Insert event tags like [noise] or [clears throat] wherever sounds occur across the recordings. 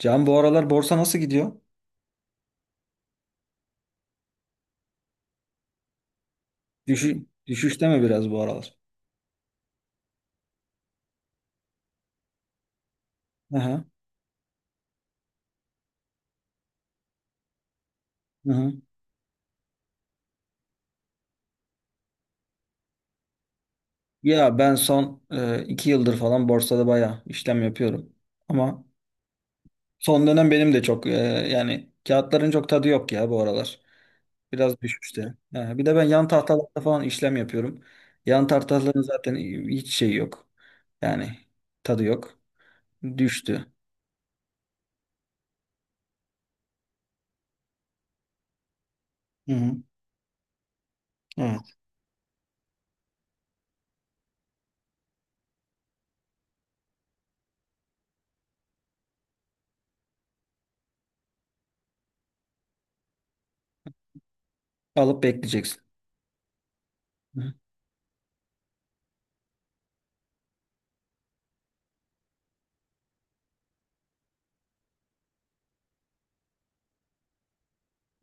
Can, bu aralar borsa nasıl gidiyor? Düşüşte mi biraz bu aralar? Hı hı. Hı hı. Ya ben son iki yıldır falan borsada bayağı işlem yapıyorum. Ama son dönem benim de çok yani kağıtların çok tadı yok ya bu aralar. Biraz düşüşte. Ha, bir de ben yan tahtalarda falan işlem yapıyorum. Yan tahtaların zaten hiç şey yok. Yani tadı yok. Düştü. Hı hı. Evet. Alıp bekleyeceksin. Hı hı.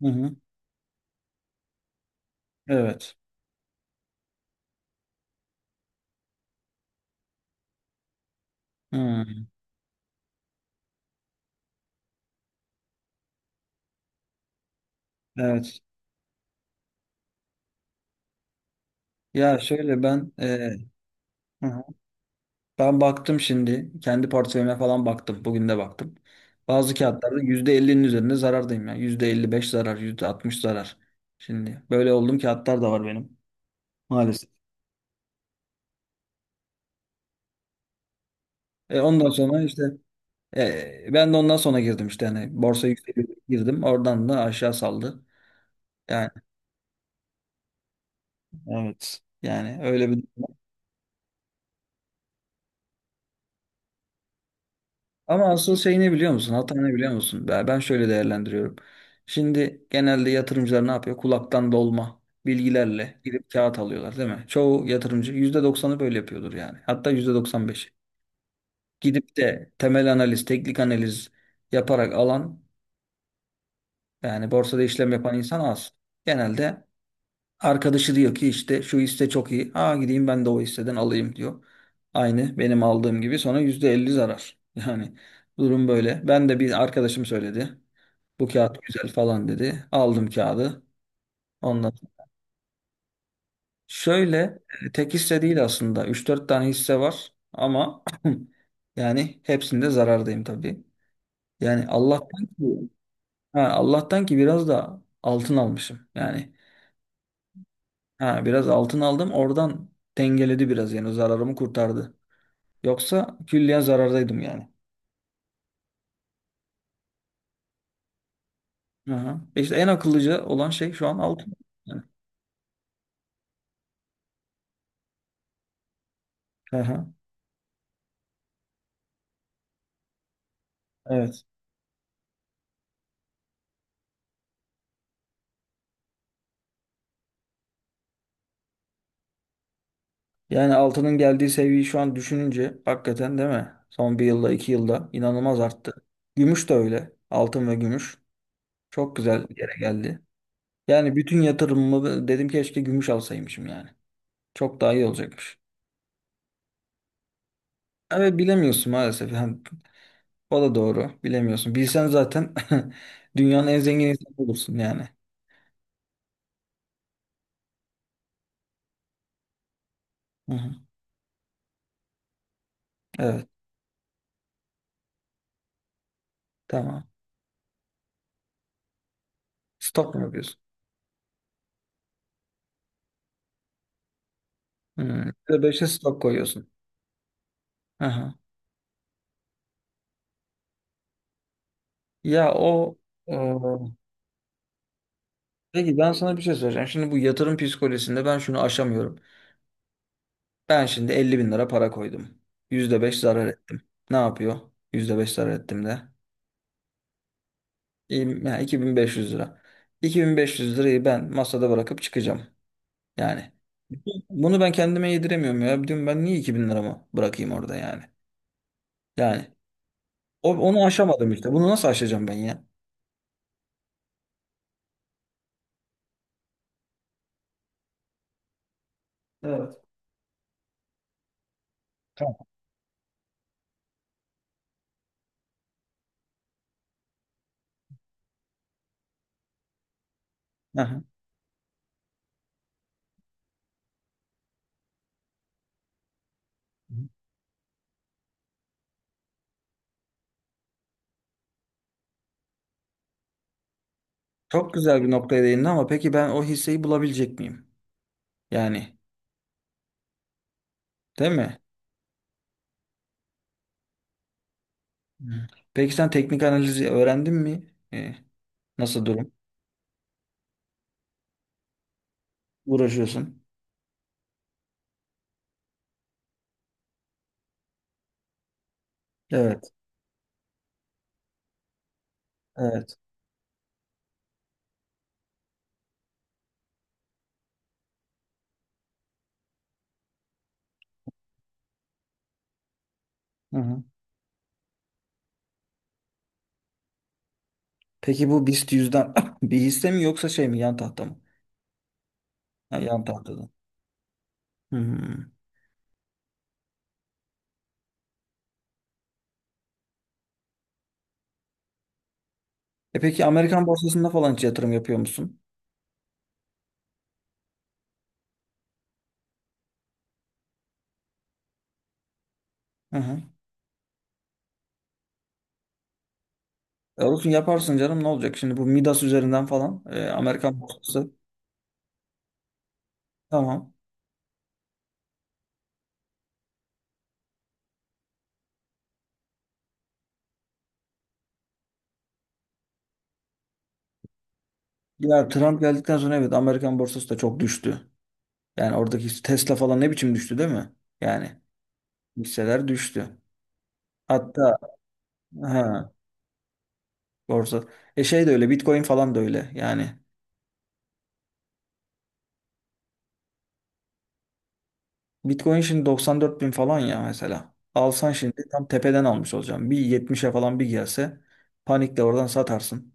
Hı. Hı. Evet. Hı. Evet. Ya şöyle ben... Hı hı. Ben baktım şimdi. Kendi portföyüme falan baktım. Bugün de baktım. Bazı kağıtlarda yüzde elli'nin üzerinde zarardayım. Yani beş zarar, %60 zarar. Şimdi böyle olduğum kağıtlar da var benim. Maalesef. E ondan sonra işte ben de ondan sonra girdim işte. Yani borsa yükseldi girdim. Oradan da aşağı saldı. Yani evet. Yani öyle bir... Ama asıl şey ne biliyor musun? Hata ne biliyor musun? Ben şöyle değerlendiriyorum. Şimdi genelde yatırımcılar ne yapıyor? Kulaktan dolma bilgilerle gidip kağıt alıyorlar, değil mi? Çoğu yatırımcı yüzde doksanı böyle yapıyordur yani. Hatta %95'i. Gidip de temel analiz, teknik analiz yaparak alan, yani borsada işlem yapan insan az. Genelde arkadaşı diyor ki işte şu hisse çok iyi. Aa, gideyim ben de o hisseden alayım diyor. Aynı benim aldığım gibi sonra %50 zarar. [laughs] Yani durum böyle. Ben de bir arkadaşım söyledi. Bu kağıt güzel falan dedi. Aldım kağıdı. Ondan sonra... Şöyle tek hisse değil aslında. Üç dört tane hisse var ama [clears throat] yani hepsinde zarardayım tabii. Yani Allah'tan ki ha, Allah'tan ki biraz da altın almışım. Yani ha, biraz altın aldım oradan, dengeledi biraz yani zararımı kurtardı. Yoksa külliyen zarardaydım yani. Aha. İşte en akıllıca olan şey şu an altın. Yani. Aha. Evet. Yani altının geldiği seviyeyi şu an düşününce hakikaten değil mi? Son bir yılda iki yılda inanılmaz arttı. Gümüş de öyle. Altın ve gümüş. Çok güzel bir yere geldi. Yani bütün yatırımımı dedim keşke gümüş alsaymışım yani. Çok daha iyi olacakmış. Evet, bilemiyorsun maalesef. Yani o da doğru. Bilemiyorsun. Bilsen zaten [laughs] dünyanın en zengin insanı olursun yani. Hı hı. Evet, tamam. Stok mu yapıyorsun? Hı. %5'e stok koyuyorsun. Hı hı. Ya o e, peki ben sana bir şey söyleyeceğim. Şimdi bu yatırım psikolojisinde ben şunu aşamıyorum. Ben şimdi 50 bin lira para koydum. %5 zarar ettim. Ne yapıyor? %5 zarar ettim de. İyiyim, yani 2500 lira. 2500 lirayı ben masada bırakıp çıkacağım. Yani bunu ben kendime yediremiyorum ya. Diyorum ben niye 2000 liramı bırakayım orada yani. Yani onu aşamadım işte. Bunu nasıl aşacağım ben ya? Evet. Tamam. Aha. Çok güzel bir noktaya değindin ama peki ben o hisseyi bulabilecek miyim? Yani, değil mi? Hı. Peki sen teknik analizi öğrendin mi? Ee, nasıl durum? Uğraşıyorsun. Evet, evet. Hı hı. Peki bu BIST yüzden [coughs] [laughs] bir hisse mi, yoksa şey mi, yan tahta mı? Ha, yan tahtada. Hı. E peki Amerikan borsasında falan hiç yatırım yapıyor musun? Hı hı. E olsun, yaparsın canım, ne olacak şimdi bu Midas üzerinden falan Amerikan borsası, tamam. Ya Trump geldikten sonra evet, Amerikan borsası da çok düştü. Yani oradaki Tesla falan ne biçim düştü, değil mi? Yani hisseler düştü. Hatta he, borsa. E şey de öyle, Bitcoin falan da öyle yani. Bitcoin şimdi 94 bin falan ya mesela. Alsan şimdi tam tepeden almış olacağım. Bir 70'e falan bir gelse panikle oradan satarsın.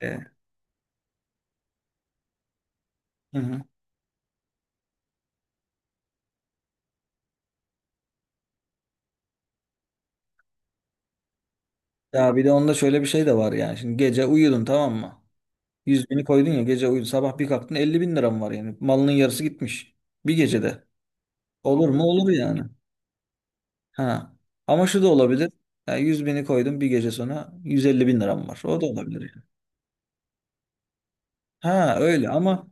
E, hı hı. Ya bir de onda şöyle bir şey de var yani. Şimdi gece uyudun, tamam mı? 100 bini koydun ya, gece uyudun. Sabah bir kalktın 50 bin liram var yani. Malının yarısı gitmiş. Bir gecede. Olur mu? Olur yani. Ha. Ama şu da olabilir. Ya 100 bini koydum, bir gece sonra 150 bin liram var. O da olabilir yani. Ha öyle, ama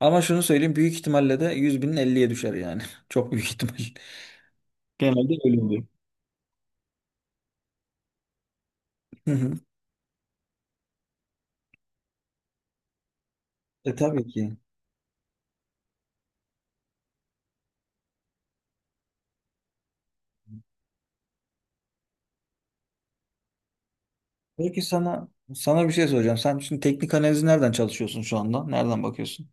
Ama şunu söyleyeyim, büyük ihtimalle de 100 binin elliye düşer yani. [laughs] Çok büyük ihtimal. Genelde öyle oluyor. Hı hı. E tabii ki. Peki sana bir şey soracağım. Sen şimdi teknik analizi nereden çalışıyorsun şu anda? Nereden bakıyorsun?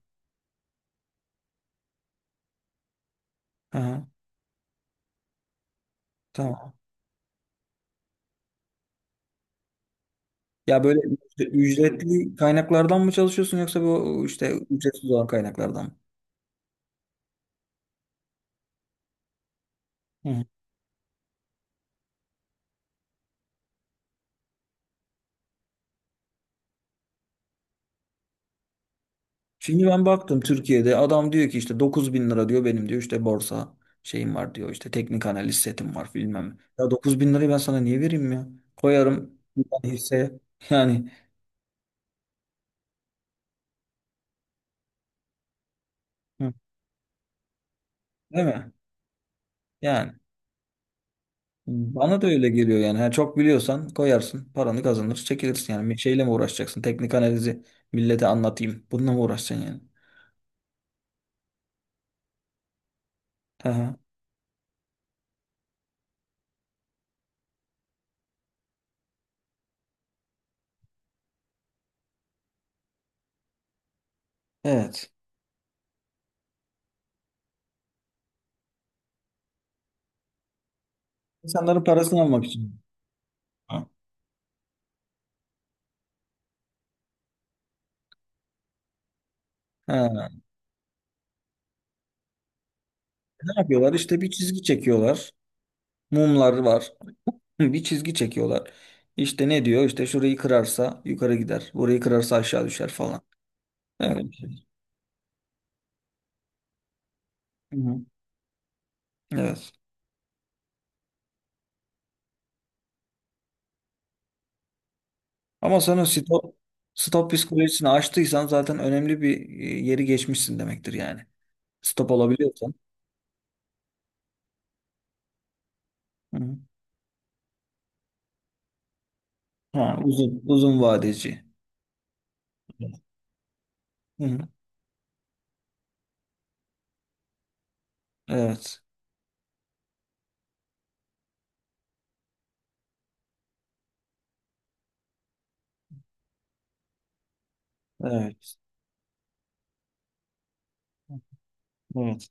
Hı hı. Tamam. Ya böyle ücretli kaynaklardan mı çalışıyorsun, yoksa bu işte ücretsiz olan kaynaklardan mı? Şimdi ben baktım, Türkiye'de adam diyor ki işte 9 bin lira diyor, benim diyor işte borsa şeyim var diyor, işte teknik analiz setim var, bilmem ne. Ya 9 bin lirayı ben sana niye vereyim ya? Koyarım bir tane hisseye [laughs] yani. Hı. Değil mi? Yani bana da öyle geliyor yani. Ha, çok biliyorsan koyarsın paranı, kazanır çekilirsin yani. Bir şeyle mi uğraşacaksın? Teknik analizi millete anlatayım. Bununla mı uğraşacaksın yani? Hı hı. Evet. İnsanların parasını almak için. Ha. Ha. Ne yapıyorlar? İşte bir çizgi çekiyorlar. Mumlar var. Hı, bir çizgi çekiyorlar. İşte ne diyor? İşte şurayı kırarsa yukarı gider. Burayı kırarsa aşağı düşer falan. Öyle bir şey. Hı hı. Evet. Ama sen o stop psikolojisini aştıysan zaten önemli bir yeri geçmişsin demektir yani. Stop olabiliyorsan. Hı hı. Ha, uzun, uzun vadeci. Hı hı. Evet. Evet. Evet.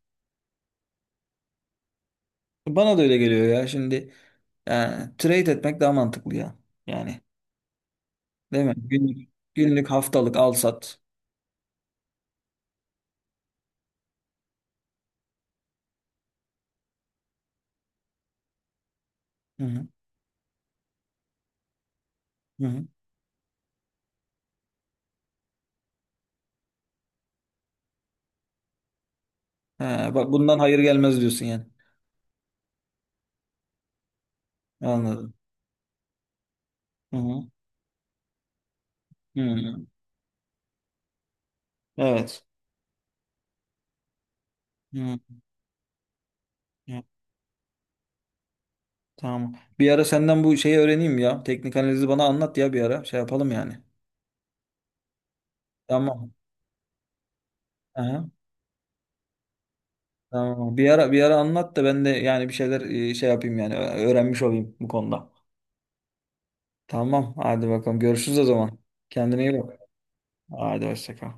Bana da öyle geliyor ya. Şimdi yani, trade etmek daha mantıklı ya. Yani, değil mi? Günlük, günlük haftalık al sat. Hı hı. Hı hı. He, bak bundan hayır gelmez diyorsun yani. Anladım. Hı hı. Hı. Evet. Hı. Hı. Tamam. Bir ara senden bu şeyi öğreneyim ya. Teknik analizi bana anlat ya bir ara. Şey yapalım yani. Tamam. Aha. Tamam. Bir ara bir ara anlat da ben de yani bir şeyler şey yapayım yani, öğrenmiş olayım bu konuda. Tamam. Hadi bakalım. Görüşürüz o zaman. Kendine iyi bak. Hadi hoşça kal.